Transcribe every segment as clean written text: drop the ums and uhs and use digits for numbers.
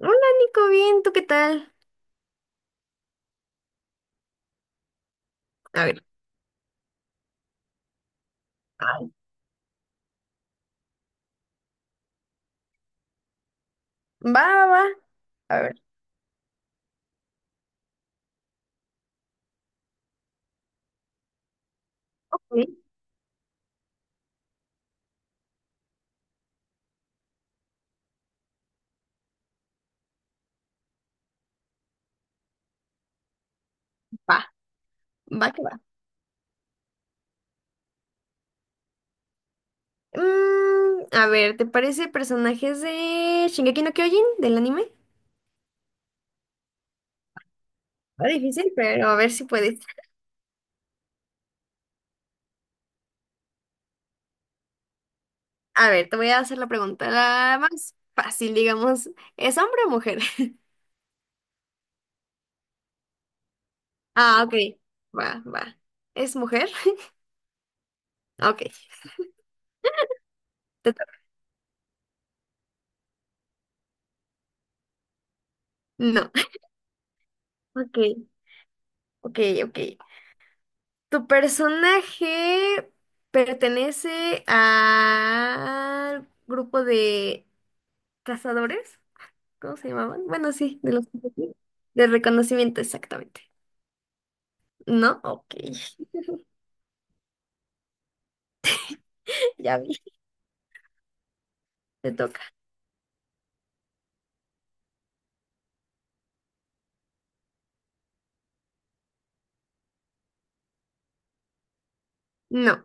Hola Nico, bien, ¿tú qué tal? A ver, ay, va, va, va, a ver. Sí, va, va que va. A ver, ¿te parece personajes de Shingeki no Kyojin, del anime? Va difícil, pero a ver si puedes. A ver, te voy a hacer la pregunta la más fácil, digamos. ¿Es hombre o mujer? Ah, ok, va, va. ¿Es mujer? Ok, te toca. No. Ok, ok, ok. ¿Tu personaje pertenece al grupo de cazadores? ¿Cómo se llamaban? Bueno, sí, de los de reconocimiento, exactamente. ¿No? Ok, ya vi, te toca. No,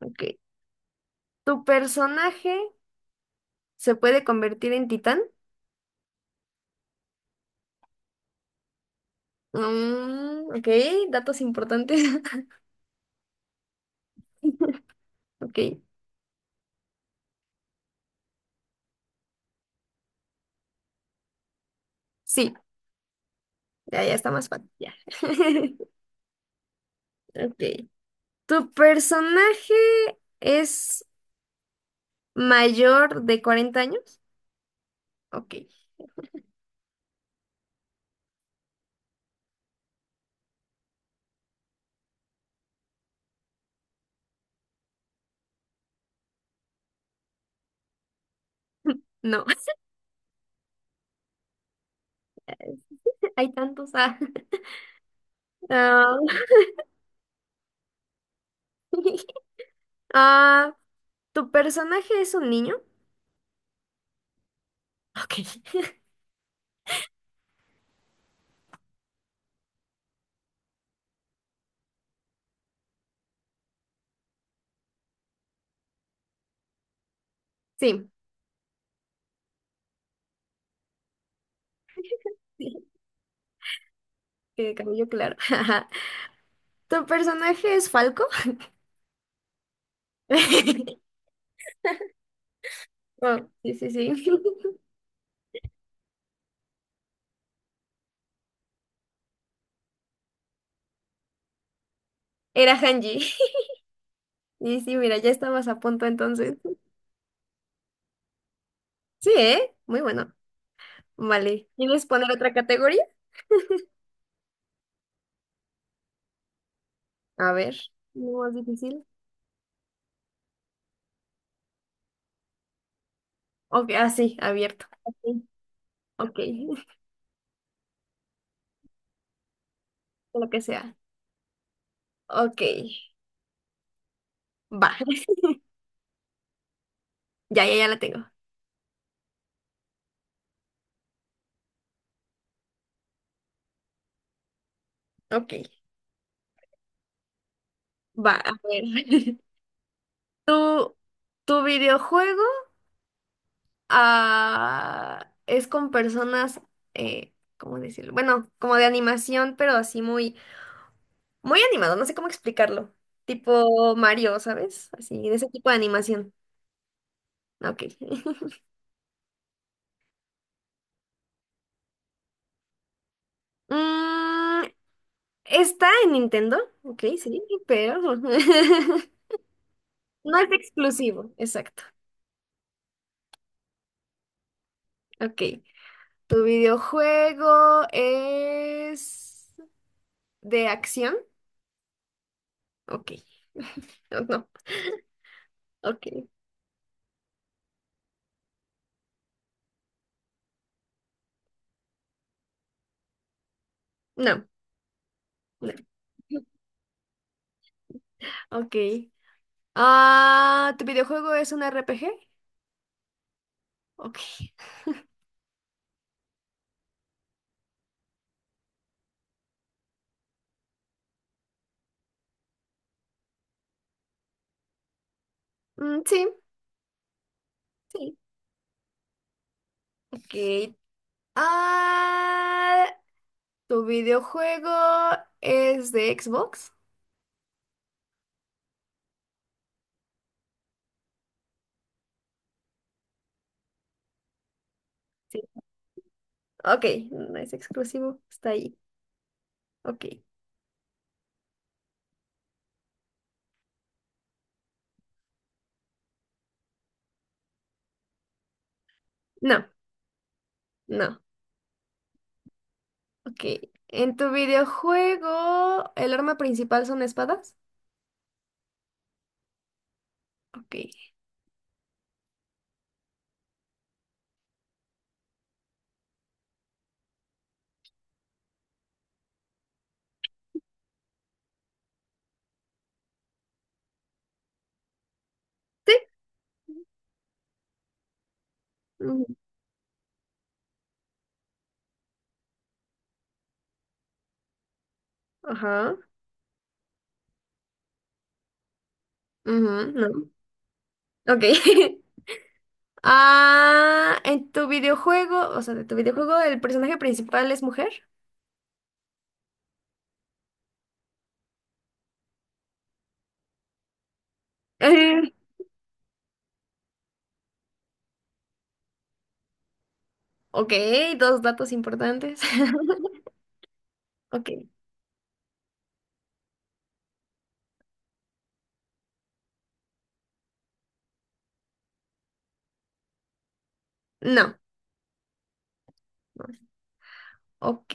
ok. ¿Tu personaje se puede convertir en titán? Ok, datos importantes. Ok, sí, ya, ya está más fácil, ya. Ok. ¿Tu personaje es ¿Mayor de 40 años? Ok. No, hay tantos. Ah. Ah, ah, ¿tu personaje es un niño? Ok. Sí. Sí, De cabello claro. ¿Tu personaje es Falco? Oh, sí, sí, sí. Era Hanji. Y sí, mira, ya estabas a punto entonces. Sí, ¿eh? Muy bueno. Vale. ¿Quieres poner otra categoría? A ver. ¿No más difícil? Ok, ah, sí, abierto. Ok, ok, lo que sea. Ok, va. Ya, ya, ya la tengo. Ok. Va, a ver. ¿Tu, tu videojuego es con personas, ¿cómo decirlo? Bueno, como de animación, pero así muy, muy animado, no sé cómo explicarlo. Tipo Mario, ¿sabes? Así, de ese tipo de animación. Ok. Mm, Está en Nintendo, ok, sí, pero no es exclusivo, exacto. Ok. ¿Tu videojuego es de acción? Ok, no, no, ok, no, no, ok. Ah, ¿tu videojuego es un RPG? Ok, sí, sí, ok. Ah, ¿tu videojuego es de Xbox? Sí, ok, no es exclusivo, está ahí, ok. No, no, ok. ¿En tu videojuego el arma principal son espadas? Ok. Sí. Ajá. Ujú, no. Ok. Ah, en tu videojuego, o sea, de tu videojuego, ¿el personaje principal es mujer? Eh, Ok, dos datos importantes. Ok. No. Ok.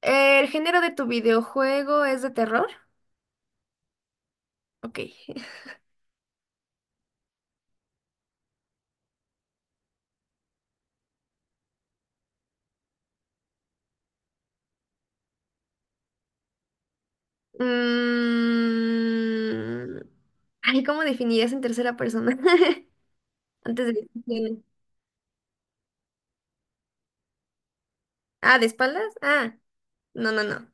¿El género de tu videojuego es de terror? Ok. Mm, Ay, ¿cómo definirías en tercera persona? Antes de... Ah, ¿de espaldas? Ah, no, no, no.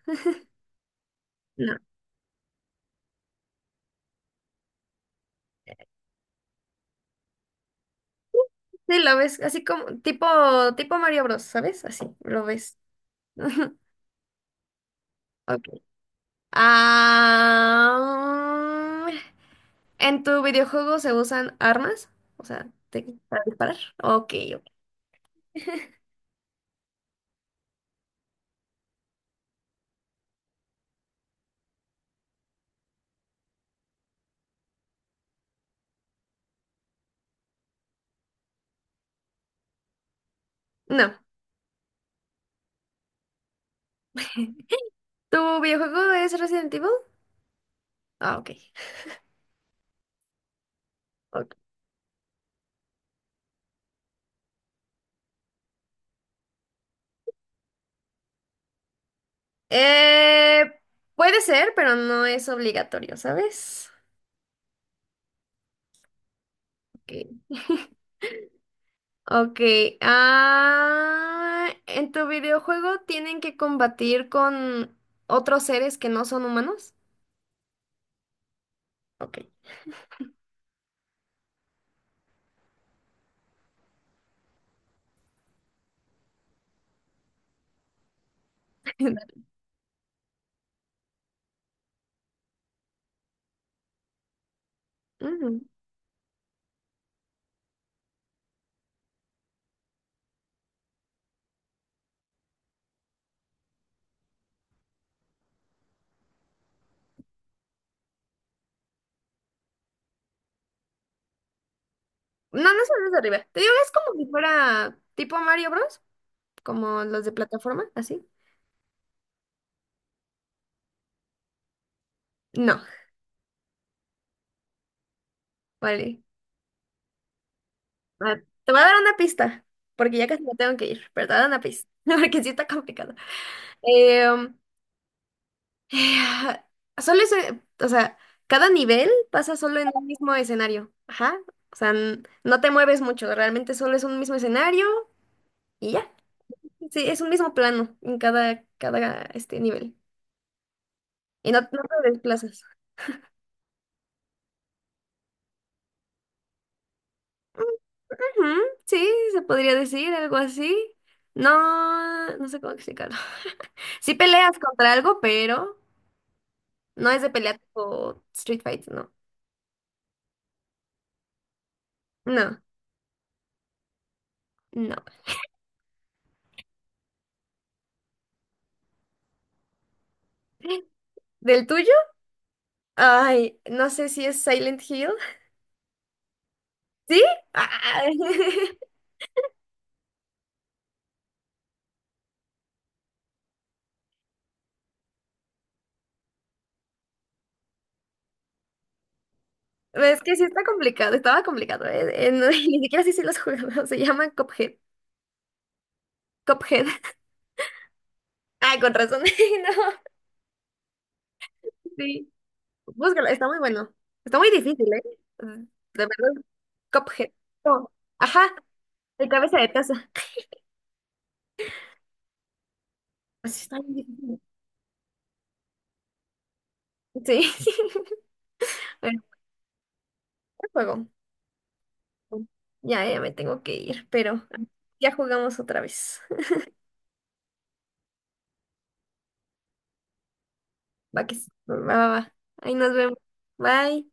No. Sí, lo ves así como tipo, Mario Bros, ¿sabes? Así, lo ves. Ok. Ah, ¿en tu videojuego se usan armas? O sea, para disparar. Ok, ok. No. ¿Tu videojuego es Resident Evil? Ah, ok. Ok. Eh, Puede ser, pero no es obligatorio, ¿sabes? Ok. Ok, ah, ¿en tu videojuego tienen que combatir con otros seres que no son humanos? Ok. Ujú. No, no son los de arriba. Te digo, es como si fuera tipo Mario Bros, como los de plataforma, así. No, vale. Va, te voy a dar una pista, porque ya casi me tengo que ir, pero te voy a dar una pista, porque sí está complicado. Em, Eh, solo ese, o sea, cada nivel pasa solo en un mismo escenario. Ajá. O sea, no te mueves mucho, realmente solo es un mismo escenario y ya. Sí, es un mismo plano en cada, este nivel. Y no, no te desplazas. Ujú, sí, se podría decir algo así. No, no sé cómo explicarlo. Sí peleas contra algo, pero no es de pelea tipo Street Fight, no. No, no. ¿Del tuyo? Ay, no sé si es Silent Hill. ¿Sí? Ah, Es que sí está complicado, estaba complicado. No, ni siquiera sí sí los juegos, se llaman Cuphead. Cuphead. Ah, con razón. No, sí. Búscalo, está muy bueno. Está muy difícil, ¿eh? Mm, De verdad, Cuphead. No, ajá, el cabeza de taza. Pues sí, está muy difícil. Sí. Bueno, ¿qué juego. Ya, ya me tengo que ir, pero ya jugamos otra vez. Va que sí. Va, va, va. Ahí nos vemos. Bye.